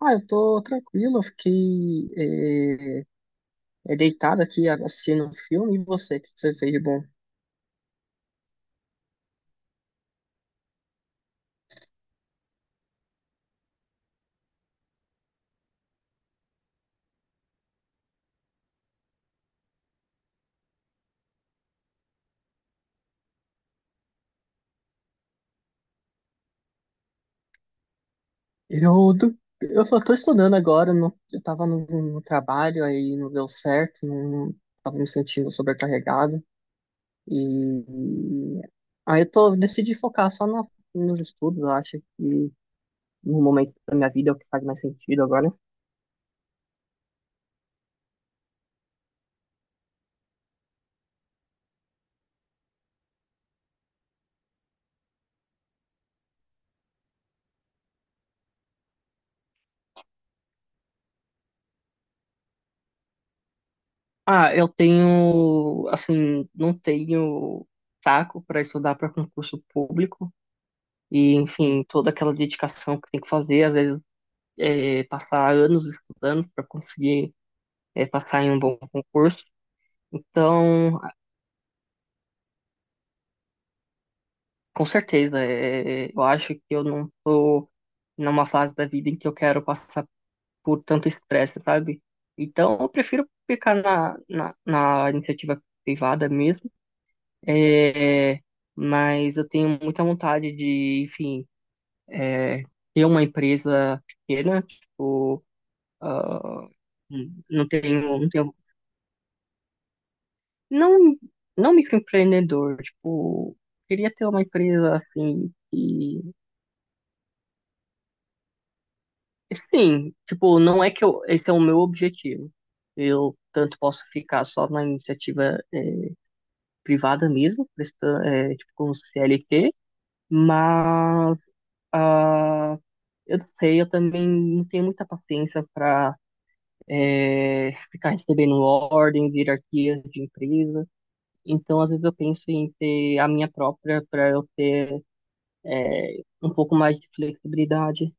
Ah, eu tô tranquilo, eu fiquei deitado aqui assistindo um filme. E você, o que que você fez de bom? Eu, do- eu só tô estudando agora, eu tava no trabalho, aí não deu certo, não, tava me sentindo sobrecarregado. E aí eu tô, decidi focar nos estudos, eu acho que no momento da minha vida é o que faz mais sentido agora. Ah, eu tenho, assim, não tenho saco para estudar para concurso público. E, enfim, toda aquela dedicação que tem que fazer, às vezes passar anos estudando para conseguir passar em um bom concurso. Então, com certeza, é, eu acho que eu não estou numa fase da vida em que eu quero passar por tanto estresse, sabe? Então, eu prefiro ficar na iniciativa privada mesmo, é, mas eu tenho muita vontade de, enfim, é, ter uma empresa pequena, tipo, ah, não tenho, não, não microempreendedor, tipo, queria ter uma empresa assim e sim, tipo, não é que eu, esse é o meu objetivo. Eu tanto posso ficar só na iniciativa privada mesmo, prestando, tipo, com CLT, mas ah, eu não sei, eu também não tenho muita paciência para ficar recebendo ordens, hierarquias de empresa. Então, às vezes eu penso em ter a minha própria para eu ter um pouco mais de flexibilidade.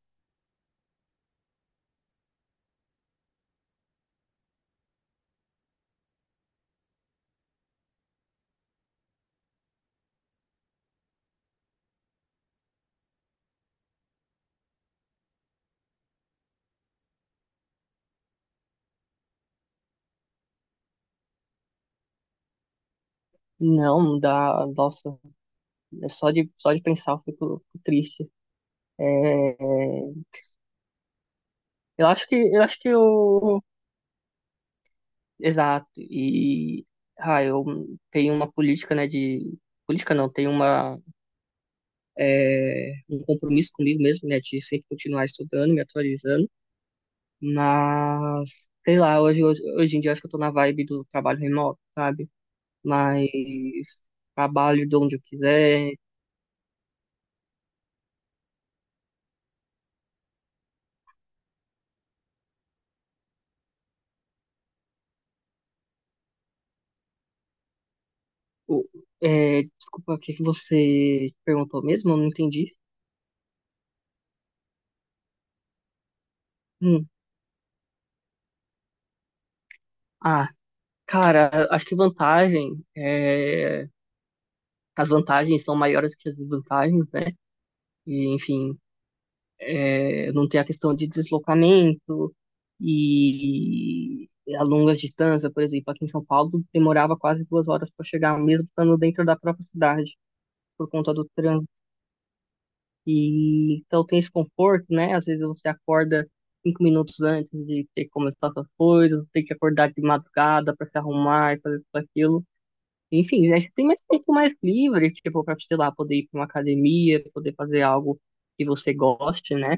Não, dá, nossa, é só de pensar eu fico triste. É, eu acho que eu exato e ah, eu tenho uma política, né, de política não, tenho uma um compromisso comigo mesmo, né, de sempre continuar estudando, me atualizando, mas sei lá, hoje em dia eu acho que eu tô na vibe do trabalho remoto, sabe? Mas trabalho de onde eu quiser. O- é, desculpa, o que que você perguntou mesmo? Eu não entendi. Hum. Ah, cara, acho que as vantagens são maiores que as desvantagens, né? E, enfim, é, não tem a questão de deslocamento e a longas distâncias, por exemplo, aqui em São Paulo demorava quase duas horas para chegar, mesmo estando dentro da própria cidade, por conta do trânsito. E então tem esse conforto, né? Às vezes você acorda cinco minutos antes de ter que começar suas coisas, tem que acordar de madrugada para se arrumar e fazer tudo aquilo. Enfim, aí você tem mais livre, tipo, para, sei lá, poder ir para uma academia, poder fazer algo que você goste, né?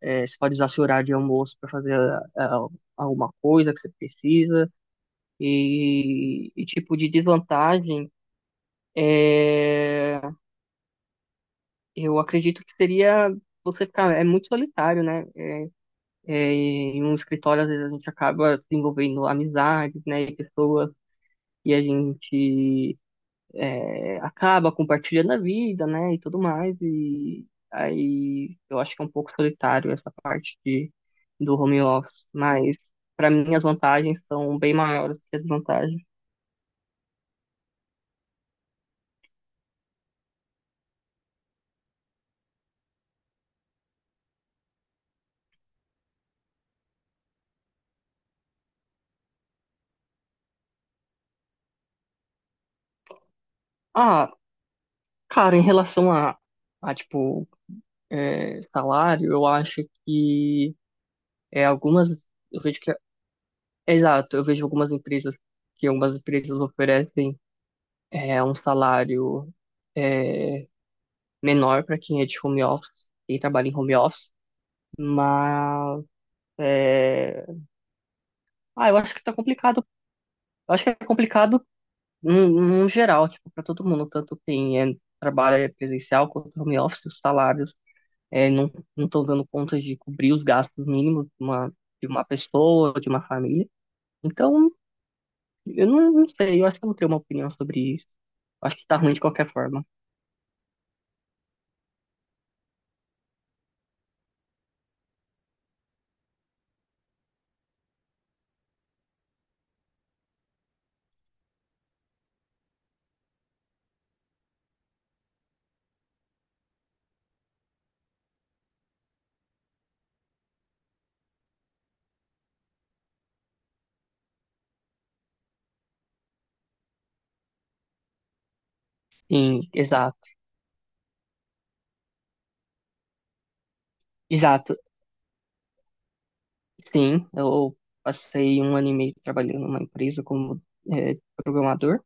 É, você pode usar seu horário de almoço para fazer ah, alguma coisa que você precisa. E tipo, de desvantagem, é, eu acredito que seria você ficar é muito solitário, né? É, em um escritório, às vezes a gente acaba desenvolvendo amizades, né, e pessoas, e a gente é, acaba compartilhando a vida, né, e tudo mais, e aí eu acho que é um pouco solitário essa parte de, do home office, mas para mim as vantagens são bem maiores que as desvantagens. Ah, cara, em relação a tipo, é, salário, eu acho que é, algumas, eu vejo que, exato, eu vejo algumas empresas que algumas empresas oferecem é um salário é, menor para quem é de home office, quem trabalha em home office, mas é, ah, eu acho que tá complicado. Eu acho que é complicado no no geral, tipo, para todo mundo, tanto quem é, trabalha presencial quanto home office, os salários é, não estão dando conta de cobrir os gastos mínimos de uma pessoa, de uma família. Então, eu não, não sei, eu acho que eu não tenho uma opinião sobre isso. Eu acho que tá ruim de qualquer forma. Sim, exato. Exato. Sim, eu passei um ano e meio trabalhando numa empresa como é, programador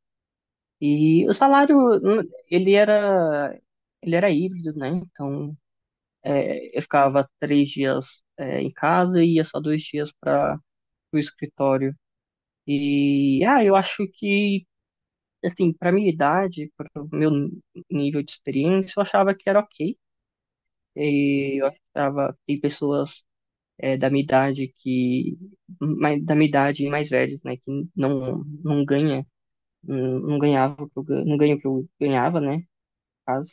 e o salário ele era ele era híbrido, né? Então é, eu ficava três dias é, em casa e ia só dois dias para o escritório e ah eu acho que assim para minha idade, para o meu nível de experiência, eu achava que era ok. E eu achava que pessoas é, da minha idade que mais, da minha idade e mais velhos, né, que não ganha, não, não ganhava, o que eu não ganha o que eu ganhava, né, no caso.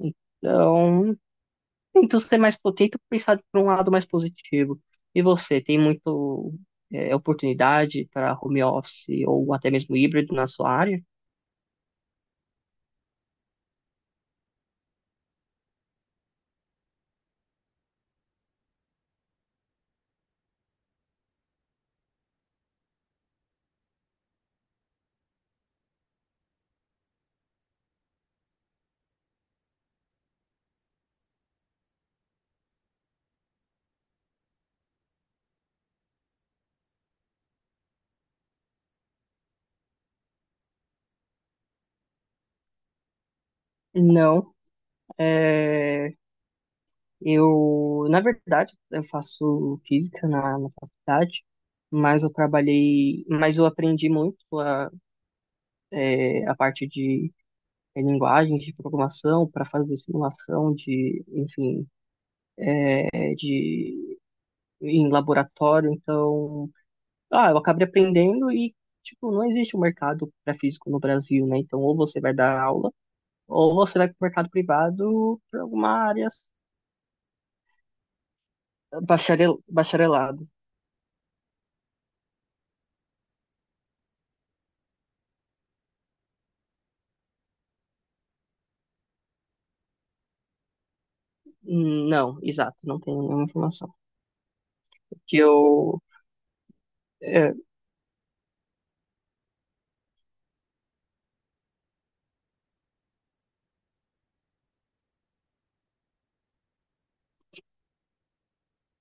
Então, tento ser tento pensar por um lado mais positivo. E você, tem muito é, oportunidade para home office ou até mesmo híbrido na sua área? Não, é, na verdade, eu faço física na faculdade, mas eu aprendi muito é, a parte de é, linguagens de programação para fazer simulação de, enfim, é, de em laboratório. Então, ah, eu acabei aprendendo e tipo não existe um mercado para físico no Brasil, né? Então, ou você vai dar aula ou você vai para o mercado privado para alguma área bacharelado. Não, exato, não tenho nenhuma informação. Que eu é,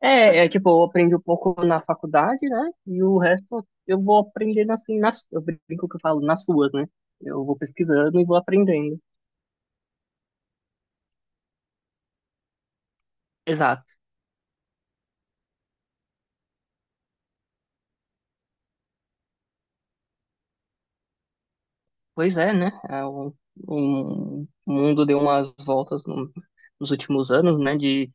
é, é tipo, eu aprendi um pouco na faculdade, né? E o resto eu vou aprendendo assim, nas, eu brinco que eu falo, nas suas, né? Eu vou pesquisando e vou aprendendo. Exato. Pois é, né? É, o mundo deu umas voltas nos últimos anos, né? De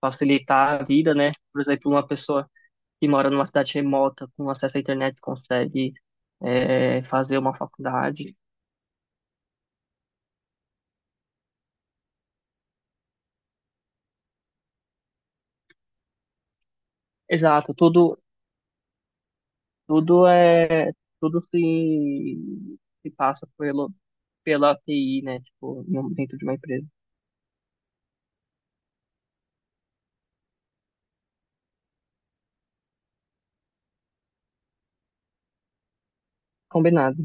facilitar a vida, né? Por exemplo, uma pessoa que mora numa cidade remota, com acesso à internet, consegue é, fazer uma faculdade. Exato, tudo, tudo é tudo se passa pela TI, né? Tipo, em dentro de uma empresa. Combinado.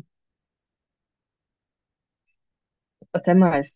Até mais.